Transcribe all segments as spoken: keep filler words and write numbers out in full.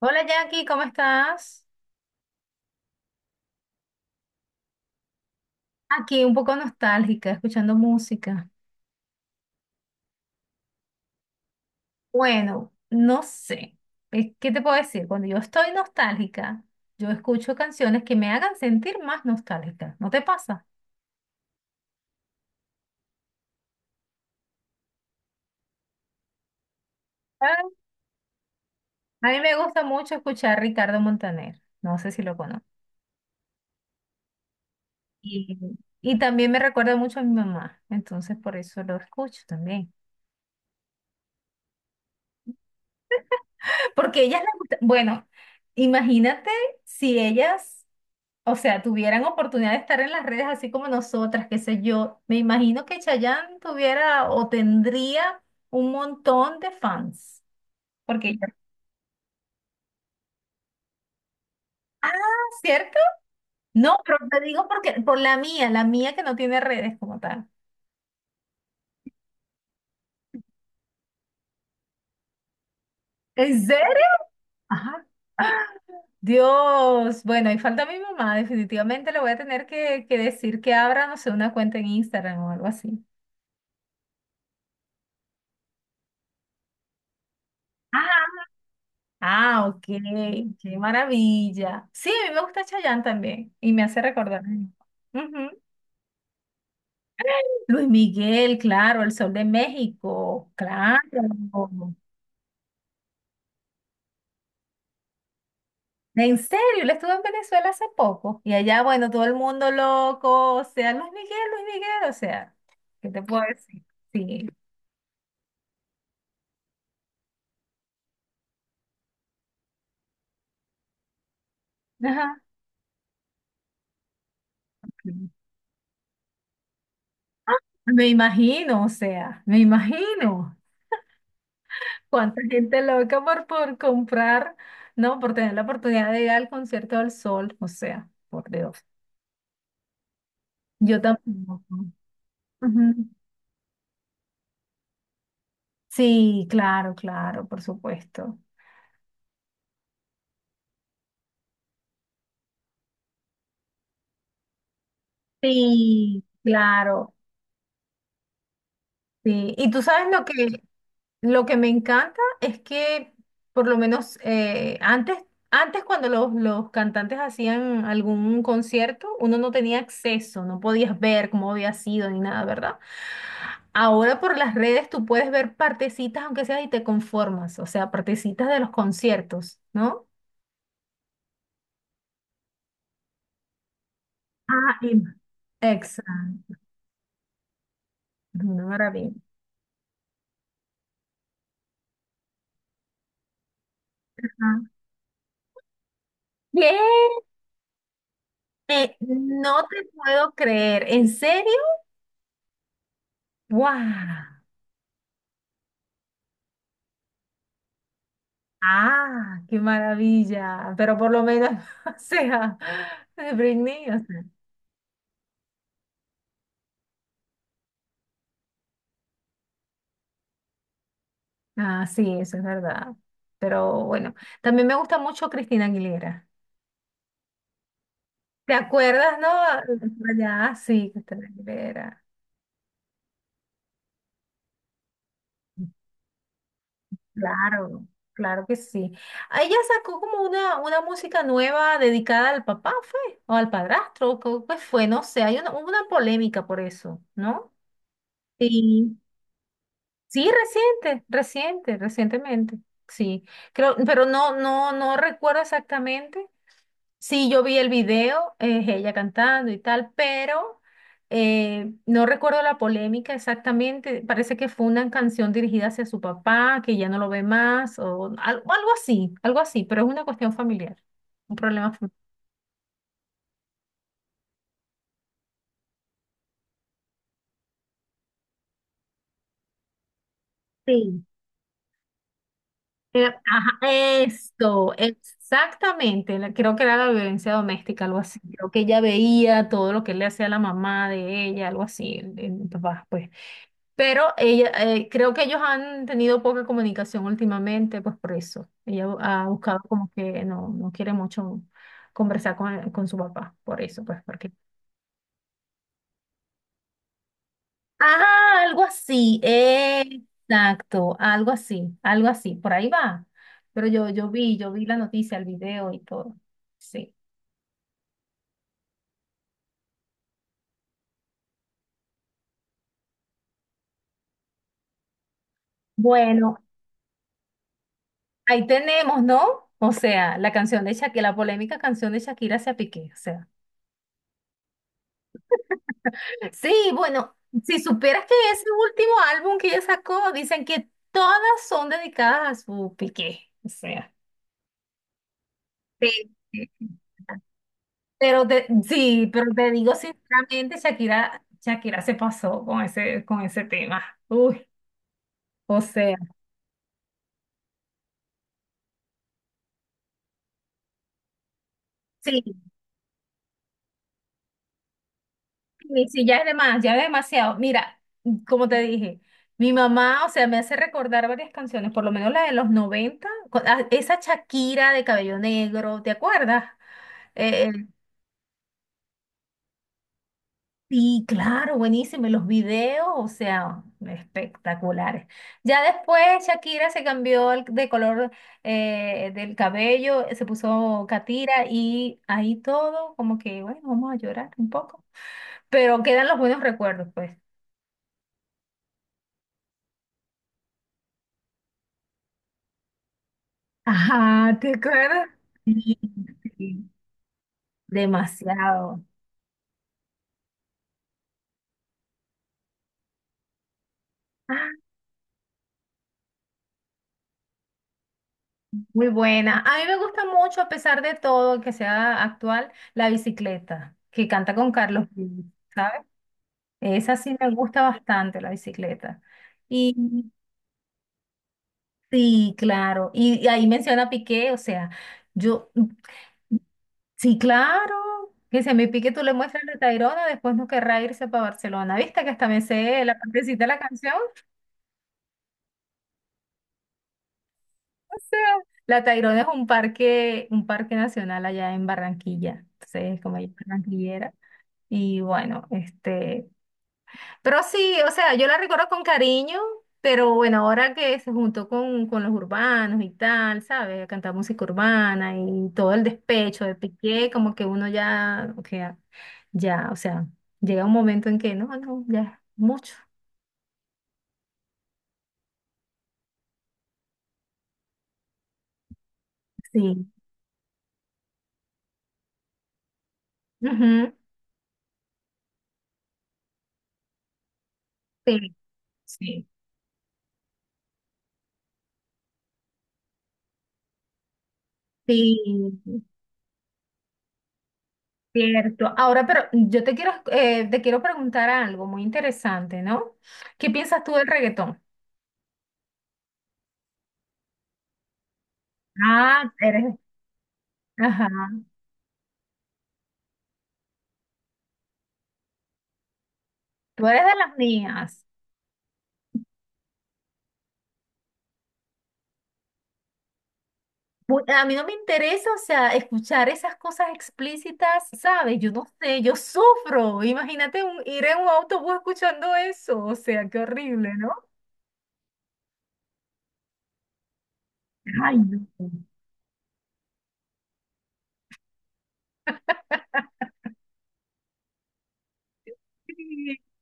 Hola Jackie, ¿cómo estás? Aquí un poco nostálgica, escuchando música. Bueno, no sé, eh, ¿qué te puedo decir? Cuando yo estoy nostálgica, yo escucho canciones que me hagan sentir más nostálgica. ¿No te pasa? Ah. A mí me gusta mucho escuchar Ricardo Montaner, no sé si lo conozco. Y, y también me recuerda mucho a mi mamá, entonces por eso lo escucho también. Porque ellas les gusta, bueno, imagínate si ellas o sea, tuvieran oportunidad de estar en las redes así como nosotras, qué sé yo, me imagino que Chayanne tuviera o tendría un montón de fans. Porque ella. Ah, ¿cierto? No, pero te digo porque por la mía, la mía que no tiene redes como tal. ¿En serio? Ajá. Dios, bueno, y falta mi mamá, definitivamente le voy a tener que, que decir que abra, no sé, una cuenta en Instagram o algo así. Ah, ah, ok, qué maravilla. Sí, a mí me gusta Chayanne también y me hace recordar. Ujú. Luis Miguel, claro, El Sol de México, claro. En serio, él estuvo en Venezuela hace poco y allá, bueno, todo el mundo loco, o sea, Luis Miguel, Luis Miguel, o sea, ¿qué te puedo decir? Sí. Ajá. Me imagino, o sea, me imagino. Cuánta gente loca por, por comprar, no, por tener la oportunidad de ir al concierto del sol, o sea, por Dios. Yo tampoco. Ujú. Sí, claro, claro, por supuesto. Sí, claro, sí. Y tú sabes lo que, lo que me encanta es que, por lo menos eh, antes, antes cuando los, los cantantes hacían algún concierto, uno no tenía acceso, no podías ver cómo había sido ni nada, ¿verdad? Ahora por las redes tú puedes ver partecitas, aunque sea, y te conformas, o sea, partecitas de los conciertos, ¿no? Ah, y- exacto, una maravilla. Ah. ¿Qué? Eh, no te puedo creer, ¿en serio? ¡Wow! Ah, qué maravilla. Pero por lo menos, o sea, de Britney, o sea. Ah, sí, eso es verdad. Pero bueno, también me gusta mucho Cristina Aguilera. ¿Te acuerdas, no? Por allá, sí, Cristina Aguilera. Claro, claro que sí. Ah, ella sacó como una, una música nueva dedicada al papá, ¿fue? O al padrastro, ¿qué fue? No sé, hay una, hubo una polémica por eso, ¿no? Sí. Sí, reciente, reciente, recientemente. Sí, creo, pero no, no, no recuerdo exactamente. Sí, yo vi el video, es ella cantando y tal, pero eh, no recuerdo la polémica exactamente. Parece que fue una canción dirigida hacia su papá, que ya no lo ve más, o al- algo así, algo así, pero es una cuestión familiar, un problema familiar. Eh, ajá, esto, exactamente, la- creo que era la violencia doméstica, algo así. Creo que ella veía todo lo que le hacía la mamá de ella, algo así, el- el papá, pues. Pero ella, eh, creo que ellos han tenido poca comunicación últimamente, pues por eso. Ella bu- ha buscado como que no, no quiere mucho conversar con, con su papá, por eso, pues, porque ah, algo así, exacto, algo así, algo así, por ahí va. Pero yo, yo vi, yo vi la noticia, el video y todo. Sí. Bueno, ahí tenemos, ¿no? O sea, la canción de Shakira, la polémica canción de Shakira hacia Piqué, o sea. Sí, bueno, si supieras que ese último álbum que ella sacó, dicen que todas son dedicadas a su Piqué, o sea. Sí. Pero te, sí, pero te digo sinceramente, Shakira, Shakira se pasó con ese, con ese tema. Uy, o sea, sí, sí, sí, ya es de más, ya es demasiado. Mira, como te dije, mi mamá, o sea, me hace recordar varias canciones, por lo menos la de los noventa con- ah, esa Shakira de cabello negro, ¿te acuerdas? Eh, Sí, claro, buenísimo. Y los videos, o sea, espectaculares. Ya después Shakira se cambió el- de color eh, del cabello, se puso Katira y ahí todo, como que, bueno, vamos a llorar un poco. Pero quedan los buenos recuerdos, pues. Ajá, ¿te acuerdas? Sí, sí. Demasiado. Ah, muy buena. A mí me gusta mucho, a pesar de todo, que sea actual, la bicicleta, que canta con Carlos Vives, ¿sabes? Esa sí me gusta bastante, la bicicleta. Y sí, claro. Y, y ahí menciona Piqué, o sea, yo, sí, claro, que se me pique tú le muestras la Tayrona, después no querrá irse para Barcelona. ¿Viste que hasta me sé la partecita de la canción? O sea, la Tayrona es un parque, un parque nacional allá en Barranquilla. Entonces, como ella es barranquillera. Y bueno, este, pero sí, o sea, yo la recuerdo con cariño, pero bueno, ahora que se juntó con, con los urbanos y tal, ¿sabes? A cantar música urbana y todo el despecho de Piqué, como que uno ya, o sea, ya, o sea, llega un momento en que no, no, ya, mucho. Sí. Ujú, sí, sí, sí, cierto. Ahora, pero yo te quiero, eh, te quiero preguntar algo muy interesante, ¿no? ¿Qué piensas tú del reggaetón? Ah, eres, ajá, tú eres de las mías. Mu- A mí no me interesa, o sea, escuchar esas cosas explícitas, ¿sabes? Yo no sé, yo sufro. Imagínate un- ir en un autobús escuchando eso, o sea, qué horrible, ¿no? Ay, no.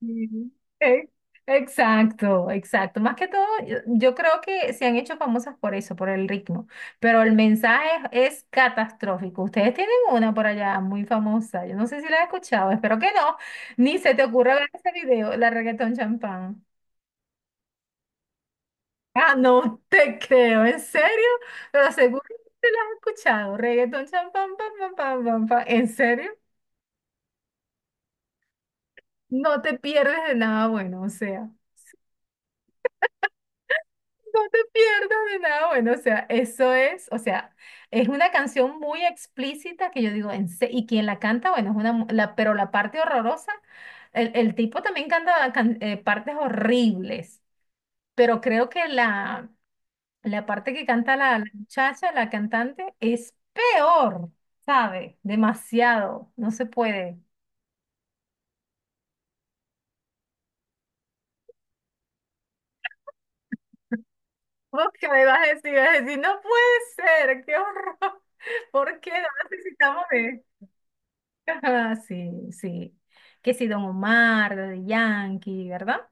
Sí, sí. Eh, exacto, exacto. Más que todo, yo, yo creo que se han hecho famosas por eso, por el ritmo, pero el mensaje es, es catastrófico. Ustedes tienen una por allá muy famosa, yo no sé si la has escuchado, espero que no, ni se te ocurra ver ese video, la reggaetón champán. Ah, no te creo, ¿en serio? Pero seguro que lo has escuchado. Reggaetón, cham, pam, pam, pam, pam, pam, pam. ¿En serio? No te pierdes de nada bueno, o sea, no te pierdas de nada bueno, o sea, eso es, o sea, es una canción muy explícita que yo digo, en se- y quien la canta, bueno, es una, mu- la, pero la parte horrorosa, el, el tipo también canta can- eh, partes horribles, pero creo que la, La parte que canta la, la muchacha, la cantante, es peor, ¿sabe? Demasiado, no se puede. ¿Vos qué me vas a decir? Vas a decir, no puede ser, qué horror. ¿Por qué no necesitamos de esto? Ah, sí, sí. Que si Don Omar, de Yankee, ¿verdad?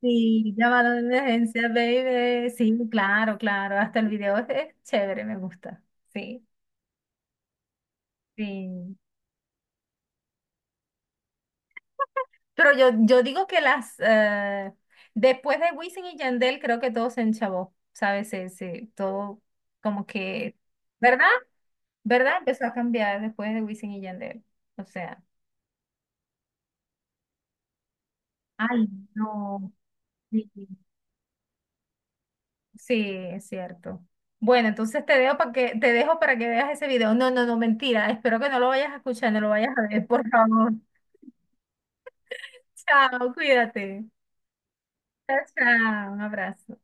Sí, llamada de emergencia, baby. Sí, claro, claro. Hasta el video es, es chévere, me gusta. Sí, sí. Pero yo, yo digo que las eh, después de Wisin y Yandel creo que todo se enchabó, ¿sabes? Se, se- todo como que, ¿verdad? ¿Verdad? Empezó a cambiar después de Wisin y Yandel. O sea, ay, no. Sí, sí, es cierto. Bueno, entonces te dejo para que te dejo para que veas ese video. No, no, no, mentira. Espero que no lo vayas a escuchar, no lo vayas a ver, por favor. Chao, cuídate. Chao, chao, un abrazo.